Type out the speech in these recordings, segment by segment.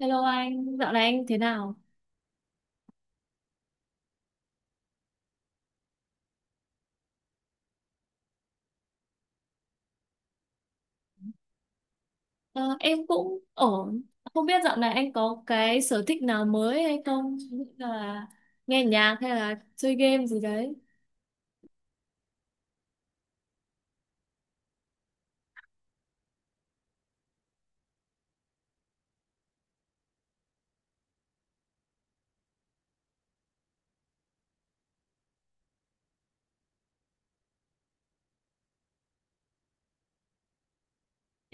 Hello anh, dạo này anh thế nào? Ờ, em cũng ổn. Không biết dạo này anh có cái sở thích nào mới hay không? Ví dụ như là nghe nhạc hay là chơi game gì đấy.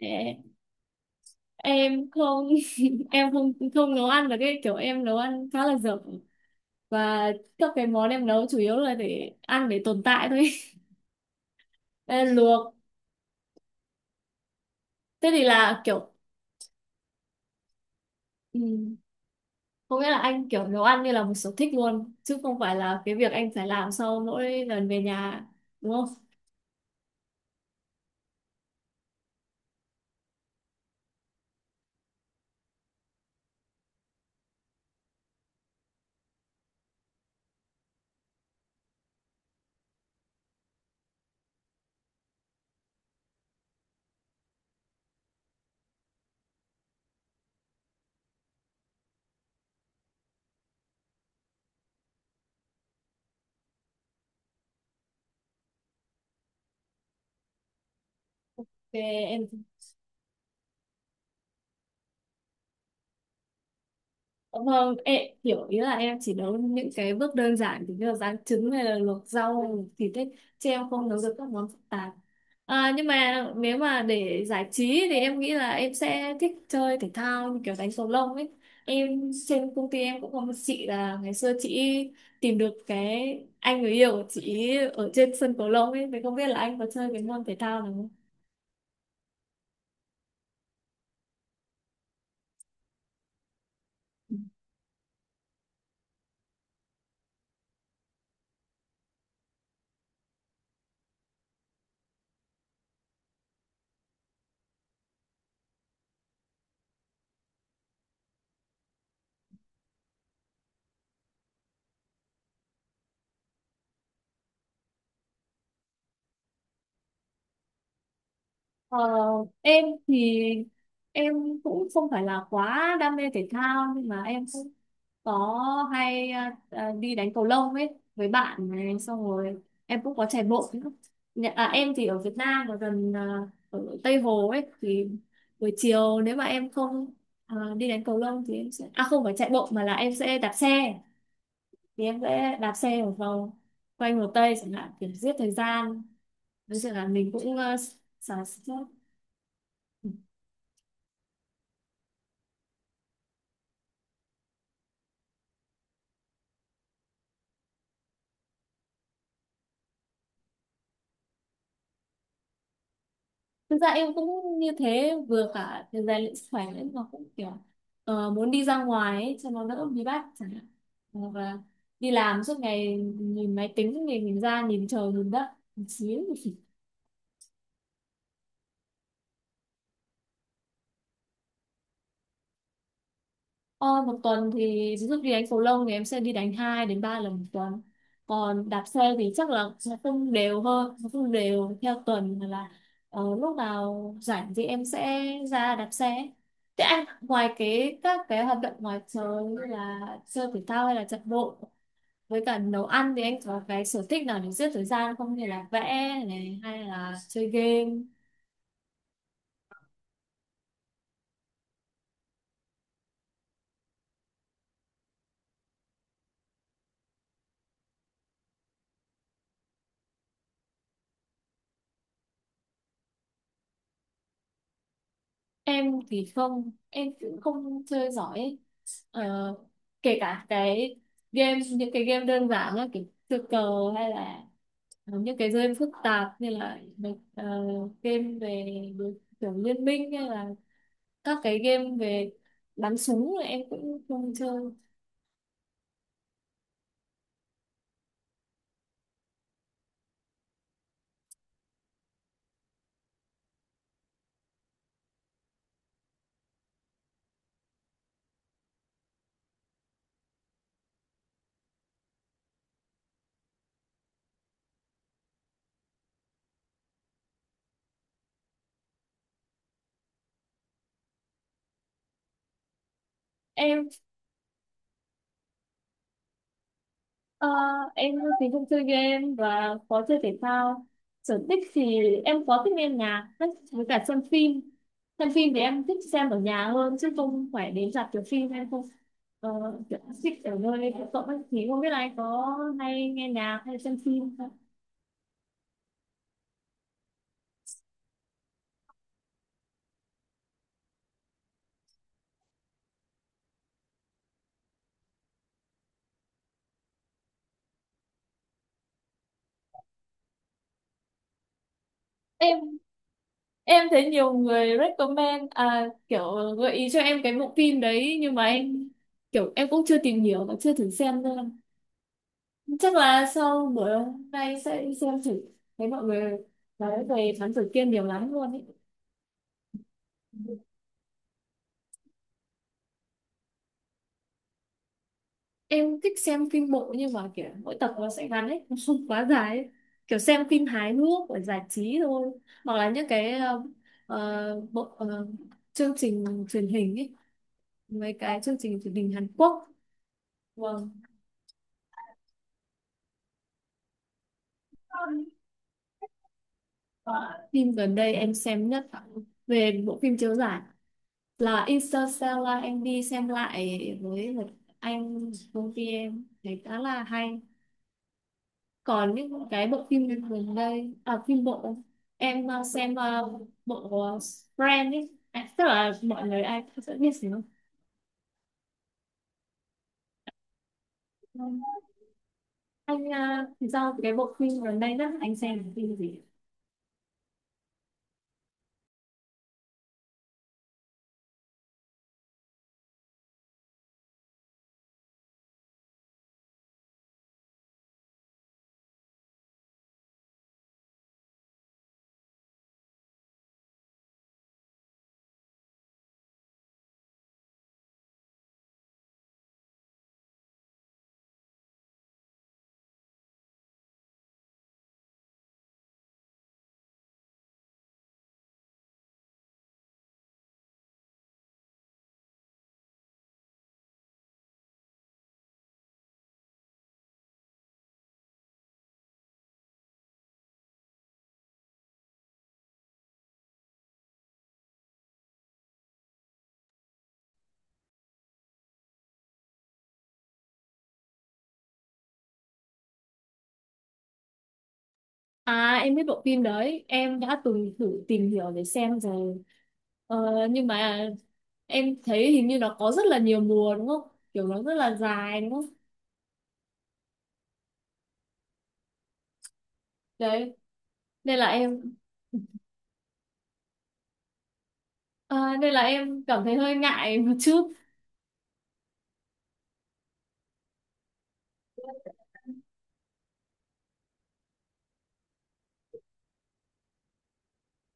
Ê, em không, em không không nấu ăn được, cái kiểu em nấu ăn khá là dở, và các cái món em nấu chủ yếu là để ăn để tồn tại thôi. Ê, luộc. Thế thì là kiểu, ừ, có nghĩa là anh kiểu nấu ăn như là một sở thích luôn chứ không phải là cái việc anh phải làm sau mỗi lần về nhà, đúng không? Ok em. Vâng, em hiểu, ý là em chỉ nấu những cái bước đơn giản thì như là rán trứng hay là luộc rau thịt đấy, chứ em không nấu được các món phức tạp. À, nhưng mà nếu mà để giải trí thì em nghĩ là em sẽ thích chơi thể thao, như kiểu đánh cầu lông ấy. Em trên công ty em cũng có một chị là ngày xưa chị tìm được cái anh người yêu của chị ở trên sân cầu lông ấy, thì không biết là anh có chơi cái môn thể thao nào. Ờ, em thì em cũng không phải là quá đam mê thể thao, nhưng mà em cũng có hay đi đánh cầu lông ấy với bạn, này xong rồi em cũng có chạy bộ nữa. Em thì ở Việt Nam và gần, ở Tây Hồ ấy, thì buổi chiều nếu mà em không đi đánh cầu lông thì em sẽ, à, không phải chạy bộ mà là em sẽ đạp xe, thì em sẽ đạp xe một vòng quanh Hồ Tây chẳng hạn, kiểu giết thời gian với sự là mình cũng xả stress. Thực ra em cũng như thế, vừa cả để rèn luyện sức khỏe nữa mà cũng kiểu muốn đi ra ngoài ấy, cho nó đỡ bí bách chẳng hạn, hoặc là đi làm suốt ngày nhìn máy tính thì nhìn ra nhìn trời nhìn đất một xíu. Ờ, một tuần thì ví dụ đi đánh cầu lông thì em sẽ đi đánh 2 đến 3 lần một tuần. Còn đạp xe thì chắc là nó không đều hơn, nó không đều theo tuần mà là, ờ, lúc nào rảnh thì em sẽ ra đạp xe. Thế anh ngoài cái các cái hoạt động ngoài trời như là chơi thể thao hay là chạy bộ với cả nấu ăn thì anh có cái sở thích nào để giết thời gian không, như là vẽ này hay là chơi game? Em thì không, em cũng không chơi giỏi ấy. Ờ, kể cả cái game, những cái game đơn giản là kiểu chơi cờ, hay là những cái game phức tạp như là ờ, game về đối- kiểu liên minh, hay là các cái game về bắn súng là em cũng không chơi. Em Ờ, em thì không chơi game và có chơi thể thao. Sở thích thì em có thích nghe nhạc với cả xem phim. Xem phim thì em thích xem ở nhà hơn chứ không phải đến rạp chiếu phim, em không ờ, kiểu thích ở nơi công cộng ấy. Thì không biết là anh có hay nghe nhạc hay xem phim không? em em thấy nhiều người recommend, à, kiểu gợi ý cho em cái bộ phim đấy, nhưng mà em kiểu em cũng chưa tìm hiểu và chưa thử xem nữa, chắc là sau buổi hôm nay sẽ đi xem thử. Thấy mọi người nói về Thám Tử Kiên nhiều lắm luôn ấy. Em thích xem phim bộ nhưng mà kiểu mỗi tập nó sẽ ngắn ấy, nó không quá dài ấy. Kiểu xem phim hài hước để giải trí thôi, hoặc là những cái bộ, chương trình truyền hình ấy, mấy cái chương trình truyền hình Hàn Quốc. Vâng. Ờ, phim gần đây em xem nhất, về bộ phim chiếu giải là Interstellar, là em đi xem lại với một anh công ty, em thấy khá là hay. Còn những cái bộ phim gần đây, à, phim bộ, em xem bộ, ờ, Friends ấy, à, tức là mọi người ai cũng sẽ biết gì không. Anh thì sao, cái bộ phim gần đây đó anh xem cái phim gì? À em biết bộ phim đấy, em đã từng thử tìm hiểu để xem rồi. Ờ, nhưng mà em thấy hình như nó có rất là nhiều mùa đúng không, kiểu nó rất là dài đúng không? Đấy, nên là em nên là em cảm thấy hơi ngại một chút.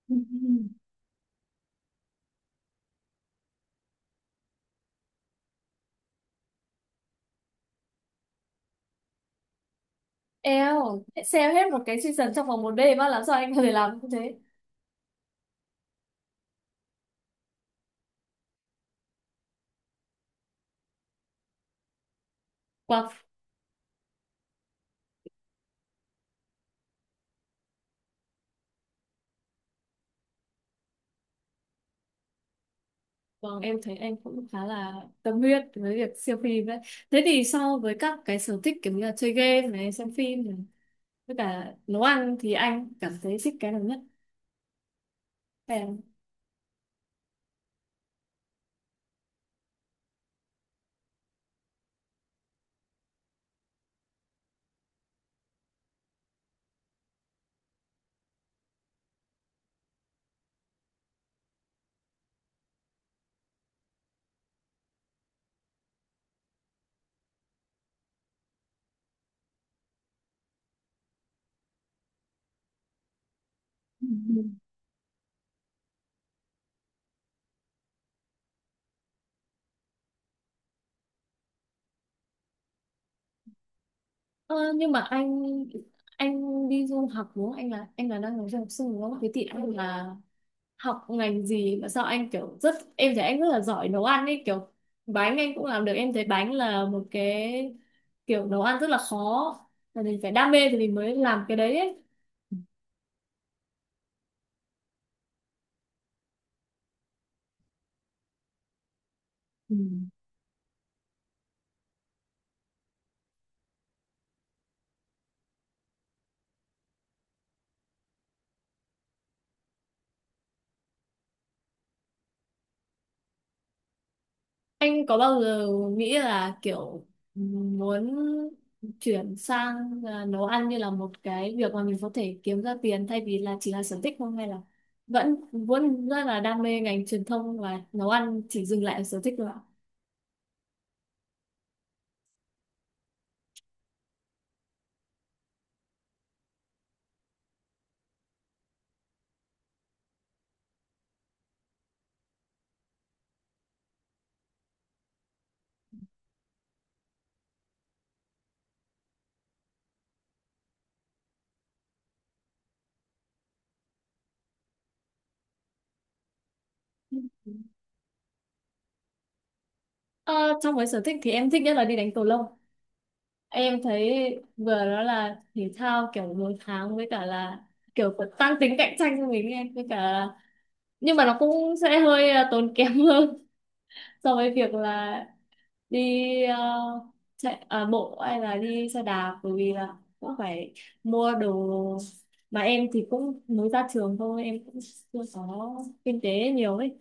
Eo, xem hết một cái season trong vòng một đêm á, làm sao anh có thể làm như thế? Wow. Vâng, em thấy anh cũng khá là tâm huyết với việc siêu phim đấy. Thế thì so với các cái sở thích kiểu như là chơi game này, xem phim này, với cả nấu ăn thì anh cảm thấy thích cái nào nhất? Em. Ờ, nhưng mà anh đi du học đúng không? Anh là đang là du học sinh đúng không? Thế thì anh là học ngành gì mà sao anh kiểu rất, em thấy anh rất là giỏi nấu ăn ấy, kiểu bánh anh cũng làm được, em thấy bánh là một cái kiểu nấu ăn rất là khó, là mình phải đam mê thì mình mới làm cái đấy ấy. Ừ. Anh có bao giờ nghĩ là kiểu muốn chuyển sang, à, nấu ăn như là một cái việc mà mình có thể kiếm ra tiền thay vì là chỉ là sở thích không, hay là vẫn vẫn rất là đam mê ngành truyền thông và nấu ăn chỉ dừng lại ở sở thích thôi ạ? Ờ, trong cái sở thích thì em thích nhất là đi đánh cầu lông. Em thấy vừa đó là thể thao kiểu đối kháng, với cả là kiểu có tăng tính cạnh tranh cho mình em, với cả là nhưng mà nó cũng sẽ hơi, à, tốn kém hơn so với việc là đi, à, chạy, à, bộ hay là đi xe đạp, bởi vì là cũng phải mua đồ, mà em thì cũng mới ra trường thôi, em cũng chưa có kinh tế nhiều ấy,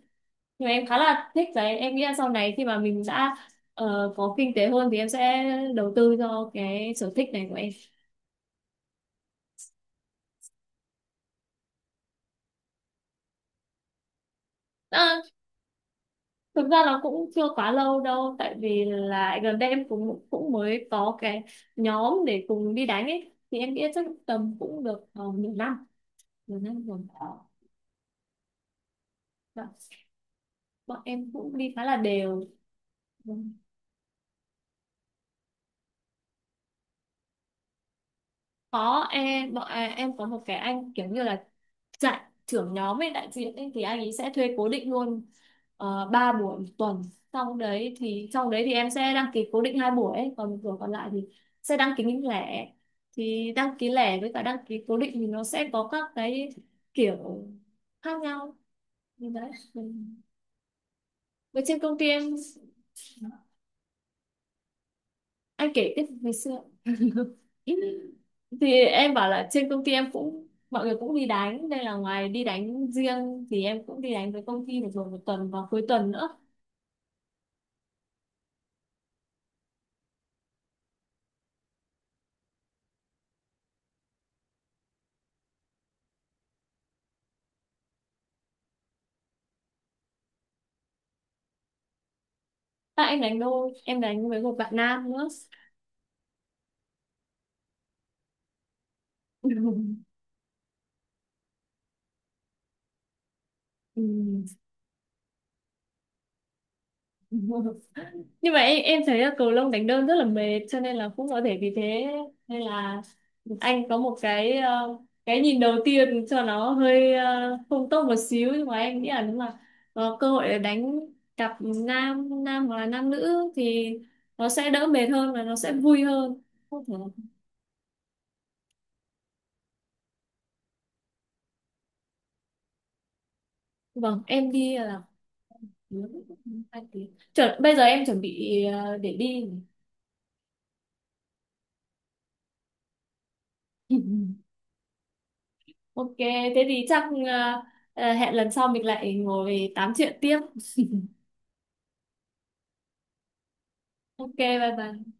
nhưng mà em khá là thích đấy, em nghĩ là sau này khi mà mình đã, ờ, có kinh tế hơn thì em sẽ đầu tư cho cái sở thích này của em. À, thực ra là cũng chưa quá lâu đâu, tại vì là gần đây em cũng cũng mới có cái nhóm để cùng đi đánh ấy, thì em nghĩ chắc tầm cũng được, nửa năm rồi. Dạ. Bọn em cũng đi khá là đều. Vâng. có em bọn à, em có một cái anh kiểu như là giải thưởng nhóm với đại diện ấy, thì anh ấy sẽ thuê cố định luôn, 3 buổi một tuần. Sau đấy thì em sẽ đăng ký cố định 2 buổi ấy, còn một buổi còn lại thì sẽ đăng ký những lẻ, thì đăng ký lẻ với cả đăng ký cố định thì nó sẽ có các cái kiểu khác nhau như đấy, với trên công ty em, anh kể tiếp về xưa. Thì em bảo là trên công ty em cũng, mọi người cũng đi đánh nên là ngoài đi đánh riêng thì em cũng đi đánh với công ty được rồi một tuần vào cuối tuần nữa. À, em đánh đôi, em đánh với một bạn nam nữa. Ừ. Nhưng mà em thấy là cầu lông đánh đơn rất là mệt, cho nên là cũng có thể vì thế nên là anh có một cái, ờ, cái nhìn đầu tiên cho nó hơi, ờ, không tốt một xíu, nhưng mà em nghĩ là nếu mà có cơ hội để đánh cặp nam nam hoặc là nam nữ thì nó sẽ đỡ mệt hơn và nó sẽ vui hơn, không thể. Vâng em đi là 2 tiếng. Chuẩn, bây giờ em chuẩn bị, ờ, để đi. Ok thế thì chắc, hẹn lần sau mình lại ngồi tám chuyện tiếp. Ok, bye bye.